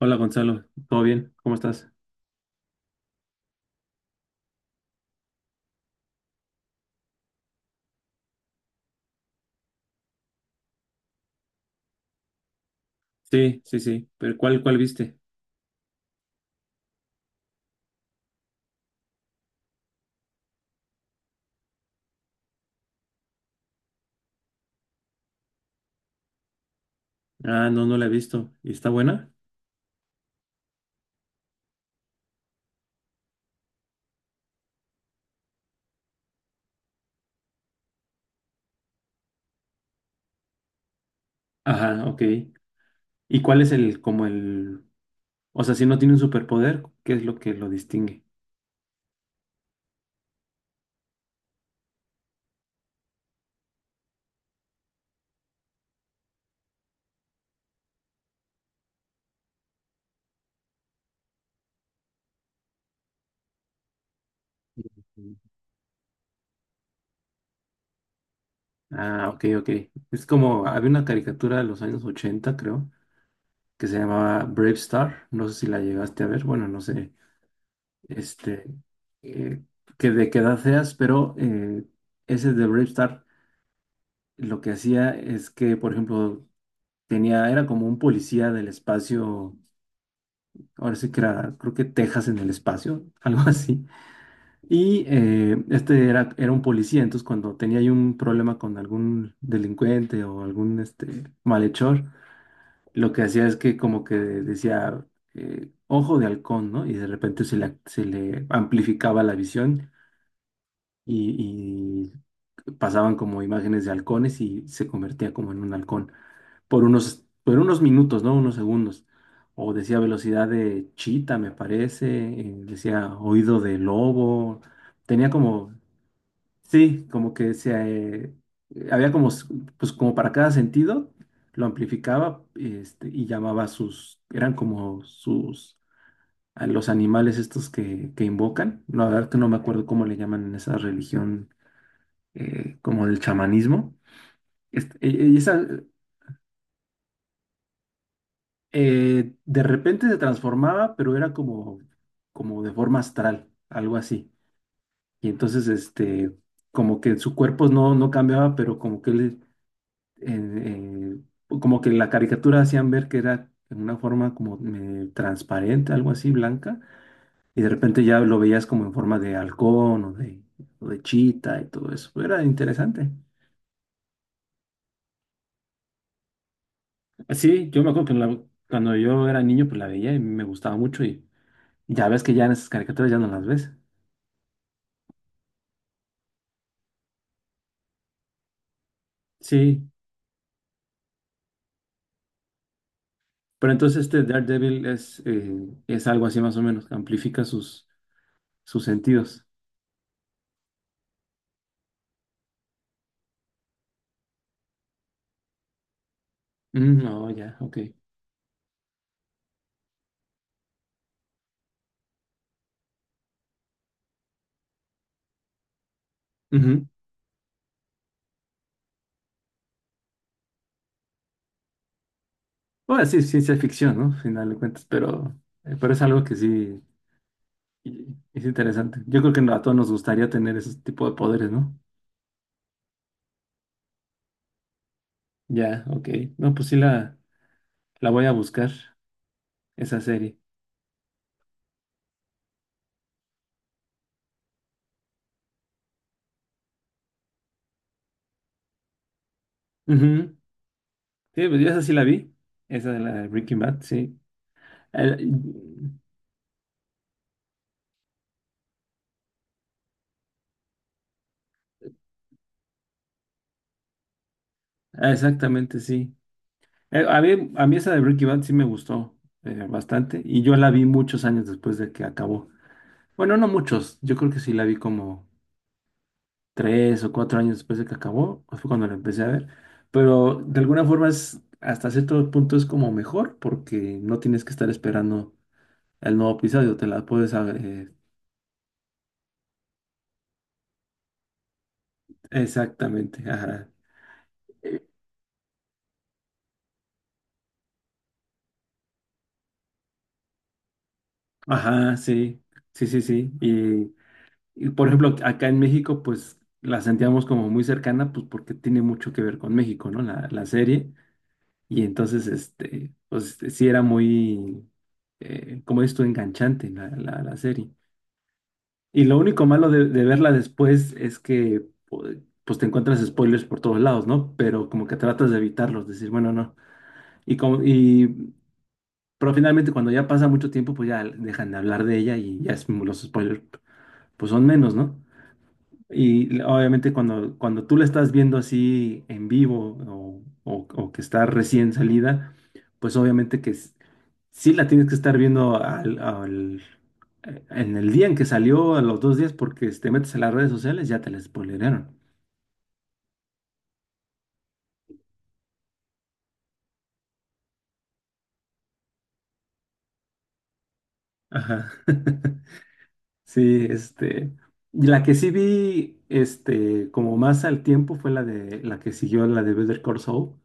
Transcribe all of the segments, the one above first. Hola Gonzalo, ¿todo bien? ¿Cómo estás? Sí, sí, sí, pero ¿cuál, cuál viste? Ah, no, no la he visto. ¿Y está buena? Ajá, ok. ¿Y cuál es el, o sea, si no tiene un superpoder, ¿qué es lo que lo distingue? Mm. Ah, ok, ok. Es como, había una caricatura de los años 80, creo, que se llamaba Brave Star. No sé si la llegaste a ver, bueno, no sé, este, eh, que de qué edad seas, pero ese de Brave Star lo que hacía es que, por ejemplo, tenía, era como un policía del espacio, ahora sí que era, creo que Texas en el espacio, algo así. Y este era, era un policía, entonces cuando tenía ahí un problema con algún delincuente o algún este, malhechor, lo que hacía es que como que decía, ojo de halcón, ¿no? Y de repente se le amplificaba la visión y, y pasaban como imágenes de halcones y se convertía como en un halcón, por unos minutos, ¿no? Unos segundos. O decía velocidad de chita, me parece, decía oído de lobo. Tenía como, sí, como que se, eh, había como, pues como para cada sentido, lo amplificaba, este, y llamaba sus, eran como sus, a los animales estos que invocan. La verdad que no me acuerdo cómo le llaman en esa religión, como del chamanismo. Este, y esa, de repente se transformaba, pero era como, como de forma astral, algo así. Y entonces, este, como que su cuerpo no cambiaba, pero como que él, eh, como que en la caricatura hacían ver que era en una forma como transparente, algo así, blanca. Y de repente ya lo veías como en forma de halcón o de chita y todo eso. Era interesante. Sí, yo me acuerdo que cuando yo era niño, pues la veía y me gustaba mucho. Y ya ves que ya en esas caricaturas ya no las ves. Sí, pero entonces este Daredevil es algo así más o menos, amplifica sus, sus sentidos. Mm, oh, ya, ok. Ujú. Bueno, sí, es ciencia ficción, ¿no? Al final de cuentas, pero es algo que sí y- es interesante. Yo creo que a todos nos gustaría tener ese tipo de poderes, ¿no? Ya, ok. No, pues sí la voy a buscar, esa serie. Ujú. Sí, pues yo esa sí la vi, esa de la de Breaking Bad, sí. Eh, Exactamente, sí. A mí esa de Breaking Bad sí me gustó bastante y yo la vi muchos años después de que acabó. Bueno, no muchos, yo creo que sí la vi como tres o cuatro años después de que acabó, pues fue cuando la empecé a ver, pero de alguna forma es, hasta cierto punto es como mejor porque no tienes que estar esperando el nuevo episodio, te la puedes saber exactamente, ajá. Eh, Ajá, sí, sí, sí, sí. Y, por ejemplo, acá en México, pues la sentíamos como muy cercana, pues porque tiene mucho que ver con México, ¿no? La serie. Y entonces, este, pues sí era muy, como esto, enganchante la serie. Y lo único malo de verla después es que, pues te encuentras spoilers por todos lados, ¿no? Pero como que tratas de evitarlos, decir, bueno, no. Y, como, y, pero finalmente cuando ya pasa mucho tiempo, pues ya dejan de hablar de ella y ya los spoilers, pues son menos, ¿no? Y obviamente cuando, cuando tú la estás viendo así en vivo o, o que está recién salida, pues obviamente que sí la tienes que estar viendo al, al, en el día en que salió, a los dos días, porque si te metes a las redes sociales ya te la spoilearon. Ajá. Sí, este. Y la que sí vi, este, como más al tiempo fue la de la que siguió la de Better Call Saul.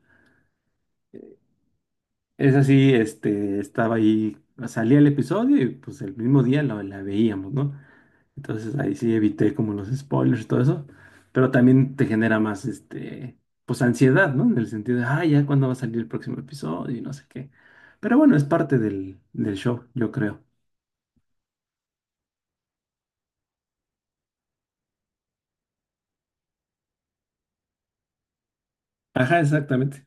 Es así, este, estaba ahí, salía el episodio y pues el mismo día la, la veíamos, ¿no? Entonces ahí sí evité como los spoilers y todo eso, pero también te genera más, este, pues ansiedad, ¿no? En el sentido de, ah, ya cuándo va a salir el próximo episodio y no sé qué. Pero bueno, es parte del, del show, yo creo. Ajá, exactamente.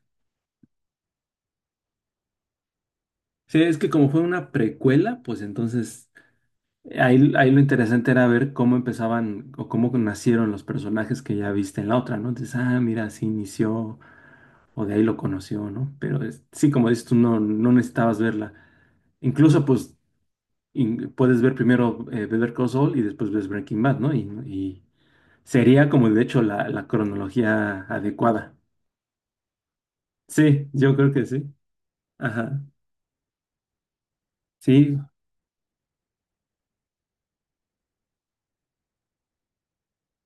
Sí, es que como fue una precuela, pues entonces ahí lo interesante era ver cómo empezaban o cómo nacieron los personajes que ya viste en la otra, ¿no? Entonces, ah, mira, así inició, o de ahí lo conoció, ¿no? Pero sí, como dices tú, no, no necesitabas verla. Incluso, pues, puedes ver primero Better Call Saul y después ves Breaking Bad, ¿no? Y sería como, de hecho, la cronología adecuada. Sí, yo creo que sí. Ajá. Sí,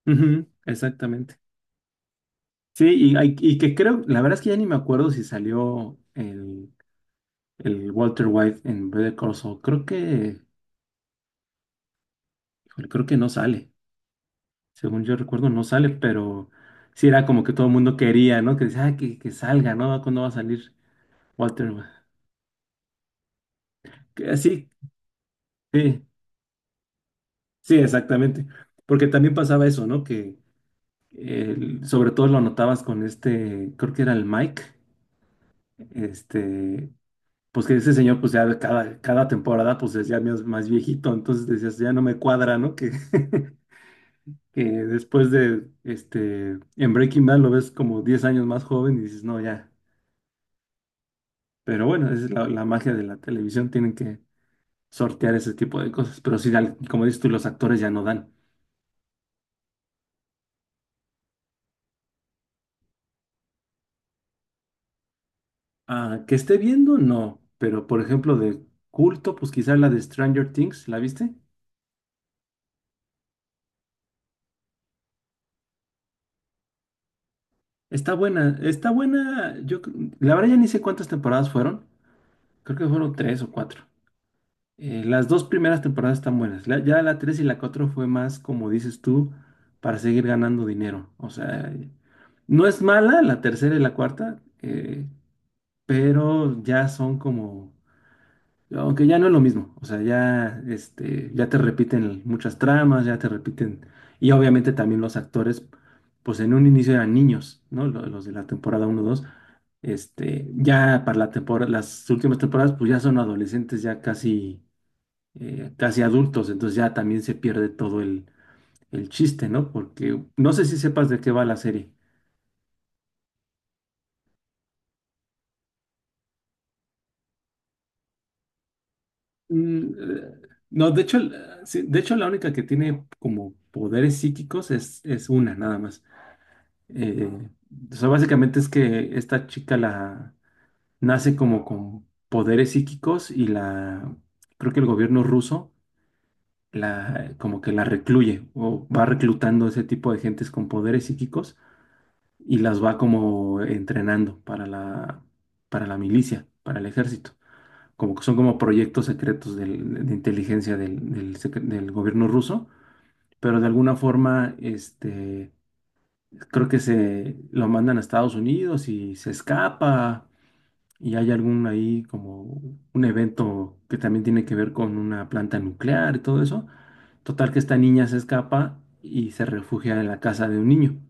ujú, exactamente. Sí, y, y que creo, la verdad es que ya ni me acuerdo si salió el Walter White en Better Call Saul. Creo que, híjole, creo que no sale, según yo recuerdo, no sale, pero sí era como que todo el mundo quería, ¿no? Que decía, "Ah, que salga, ¿no? ¿Cuándo va a salir Walter?" Que sí, sí, sí, exactamente. Porque también pasaba eso, ¿no? Que sobre todo lo notabas con este, creo que era el Mike, este, pues que ese señor, pues ya cada, cada temporada, pues es ya más, más viejito, entonces decías, ya no me cuadra, ¿no? Que, que después de, este, en Breaking Bad lo ves como 10 años más joven y dices, no, ya. Pero bueno, es la, la magia de la televisión, tienen que sortear ese tipo de cosas. Pero sí, como dices tú, los actores ya no dan. Ah, que esté viendo, no. Pero por ejemplo, de culto, pues quizás la de Stranger Things, ¿la viste? Está buena, está buena. Yo, la verdad ya ni sé cuántas temporadas fueron. Creo que fueron tres o cuatro. Las dos primeras temporadas están buenas. Ya la tres y la cuatro fue más, como dices tú, para seguir ganando dinero. O sea, no es mala la tercera y la cuarta, pero ya son como, aunque ya no es lo mismo, o sea, ya, este, ya te repiten muchas tramas, ya te repiten, y obviamente también los actores, pues en un inicio eran niños, ¿no? Los de la temporada uno dos este, ya para la temporada, las últimas temporadas, pues ya son adolescentes, ya casi, casi adultos, entonces ya también se pierde todo el chiste, ¿no? Porque no sé si sepas de qué va la serie. Mm, eh, No, de hecho, sí, de hecho la única que tiene como poderes psíquicos es una, nada más. Eh, o sea, básicamente es que esta chica la nace como con poderes psíquicos y la, creo que el gobierno ruso la, como que la recluye o va reclutando ese tipo de gentes con poderes psíquicos y las va como entrenando para la milicia, para el ejército, como que son como proyectos secretos de inteligencia del, del gobierno ruso, pero de alguna forma, este, creo que se lo mandan a Estados Unidos y se escapa y hay algún ahí como un evento que también tiene que ver con una planta nuclear y todo eso. Total que esta niña se escapa y se refugia en la casa de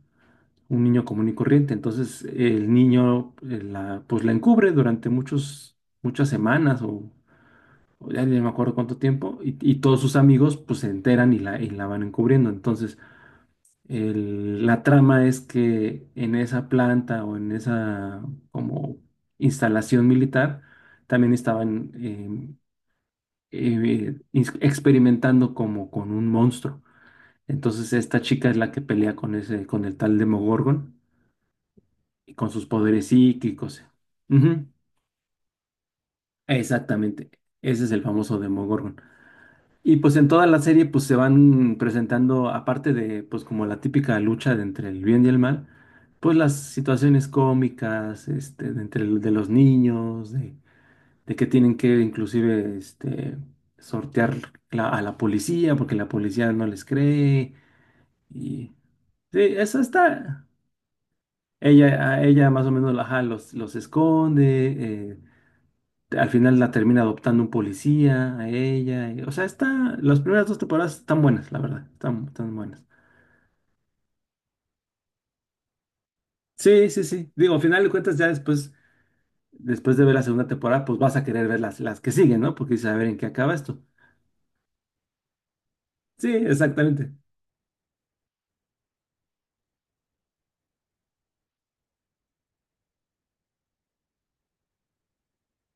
un niño común y corriente. Entonces el niño la, pues la encubre durante muchos, muchas semanas o ya ni me acuerdo cuánto tiempo, y todos sus amigos pues se enteran y la van encubriendo. Entonces, la trama es que en esa planta o en esa como instalación militar también estaban experimentando como con un monstruo. Entonces, esta chica es la que pelea con ese, con el tal Demogorgon y con sus poderes psíquicos. Ujú, exactamente, ese es el famoso Demogorgon. Y pues en toda la serie pues se van presentando, aparte de pues como la típica lucha de entre el bien y el mal, pues las situaciones cómicas, este, de entre de los niños, de que tienen que inclusive este, sortear a la policía porque la policía no les cree. Y sí, eso está. Ella, a ella más o menos ajá, los esconde, al final la termina adoptando un policía, a ella, o sea, está, las primeras dos temporadas están buenas, la verdad. Están, están buenas. Sí, sí, sí. Digo, al final de cuentas, ya después, después de ver la segunda temporada, pues vas a querer ver las que siguen, ¿no? Porque dices, a ver en qué acaba esto. Sí, exactamente.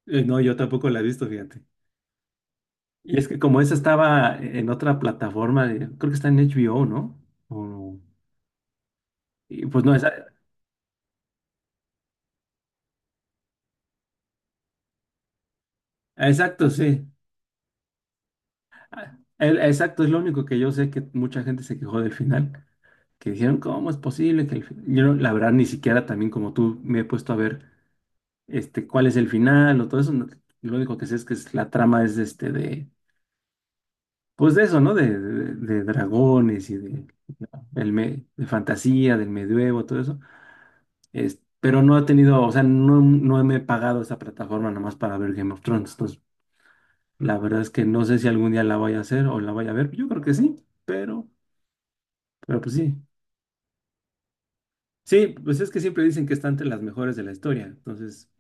No, yo tampoco la he visto, fíjate. Y es que como esa estaba en otra plataforma, creo que está en HBO, ¿no? O- y pues no, exacto, sí. Exacto, es lo único que yo sé, que mucha gente se quejó del final, que dijeron, ¿cómo es posible que el final? Yo, la verdad, ni siquiera también como tú me he puesto a ver este, cuál es el final o todo eso. Lo único que sé es que la trama es este de, pues de eso, ¿no? De, de dragones y de, de fantasía, del medioevo, todo eso. Pero no he tenido, o sea, no, no me he pagado esa plataforma nomás para ver Game of Thrones. Entonces, la verdad es que no sé si algún día la voy a hacer o la voy a ver. Yo creo que sí, pero, pero pues sí. Sí, pues es que siempre dicen que está entre las mejores de la historia. Entonces,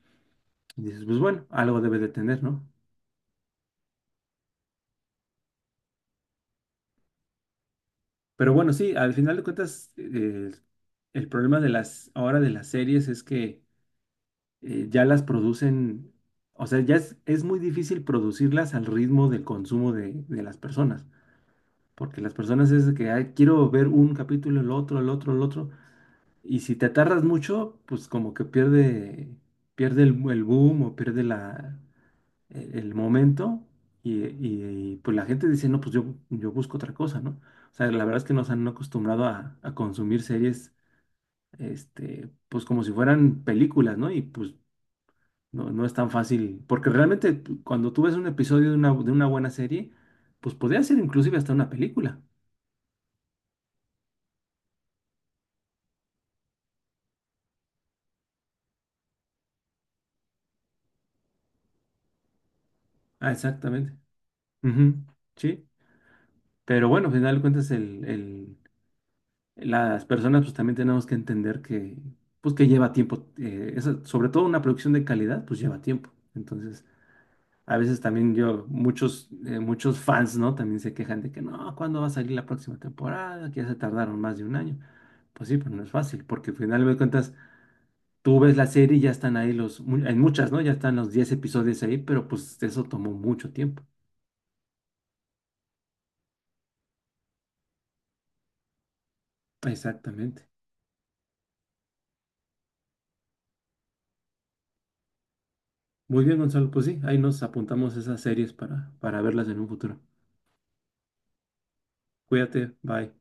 dices, pues bueno, algo debe de tener, ¿no? Pero bueno, sí, al final de cuentas, el problema de las, ahora de las series es que ya las producen, o sea, ya es muy difícil producirlas al ritmo del consumo de las personas. Porque las personas es de que "Ay, quiero ver un capítulo, el otro, el otro, el otro. Y si te tardas mucho, pues como que pierde, pierde el boom o pierde la, el momento y, pues la gente dice, no, pues yo busco otra cosa, ¿no? O sea, la verdad es que nos han acostumbrado a consumir series, este, pues como si fueran películas, ¿no? Y pues no, no es tan fácil, porque realmente cuando tú ves un episodio de una buena serie, pues podría ser inclusive hasta una película. Ah, exactamente. Ujú, sí, pero bueno, al final de cuentas el, las personas pues también tenemos que entender que pues que lleva tiempo, sobre todo una producción de calidad pues lleva tiempo. Entonces, a veces también yo, muchos, muchos fans, ¿no? También se quejan de que no, ¿cuándo va a salir la próxima temporada? Que ya se tardaron más de 1 año. Pues sí, pues no es fácil, porque al final de cuentas tú ves la serie y ya están ahí los, en muchas, ¿no? Ya están los 10 episodios ahí, pero pues eso tomó mucho tiempo. Exactamente. Muy bien, Gonzalo, pues sí, ahí nos apuntamos esas series para verlas en un futuro. Cuídate, bye.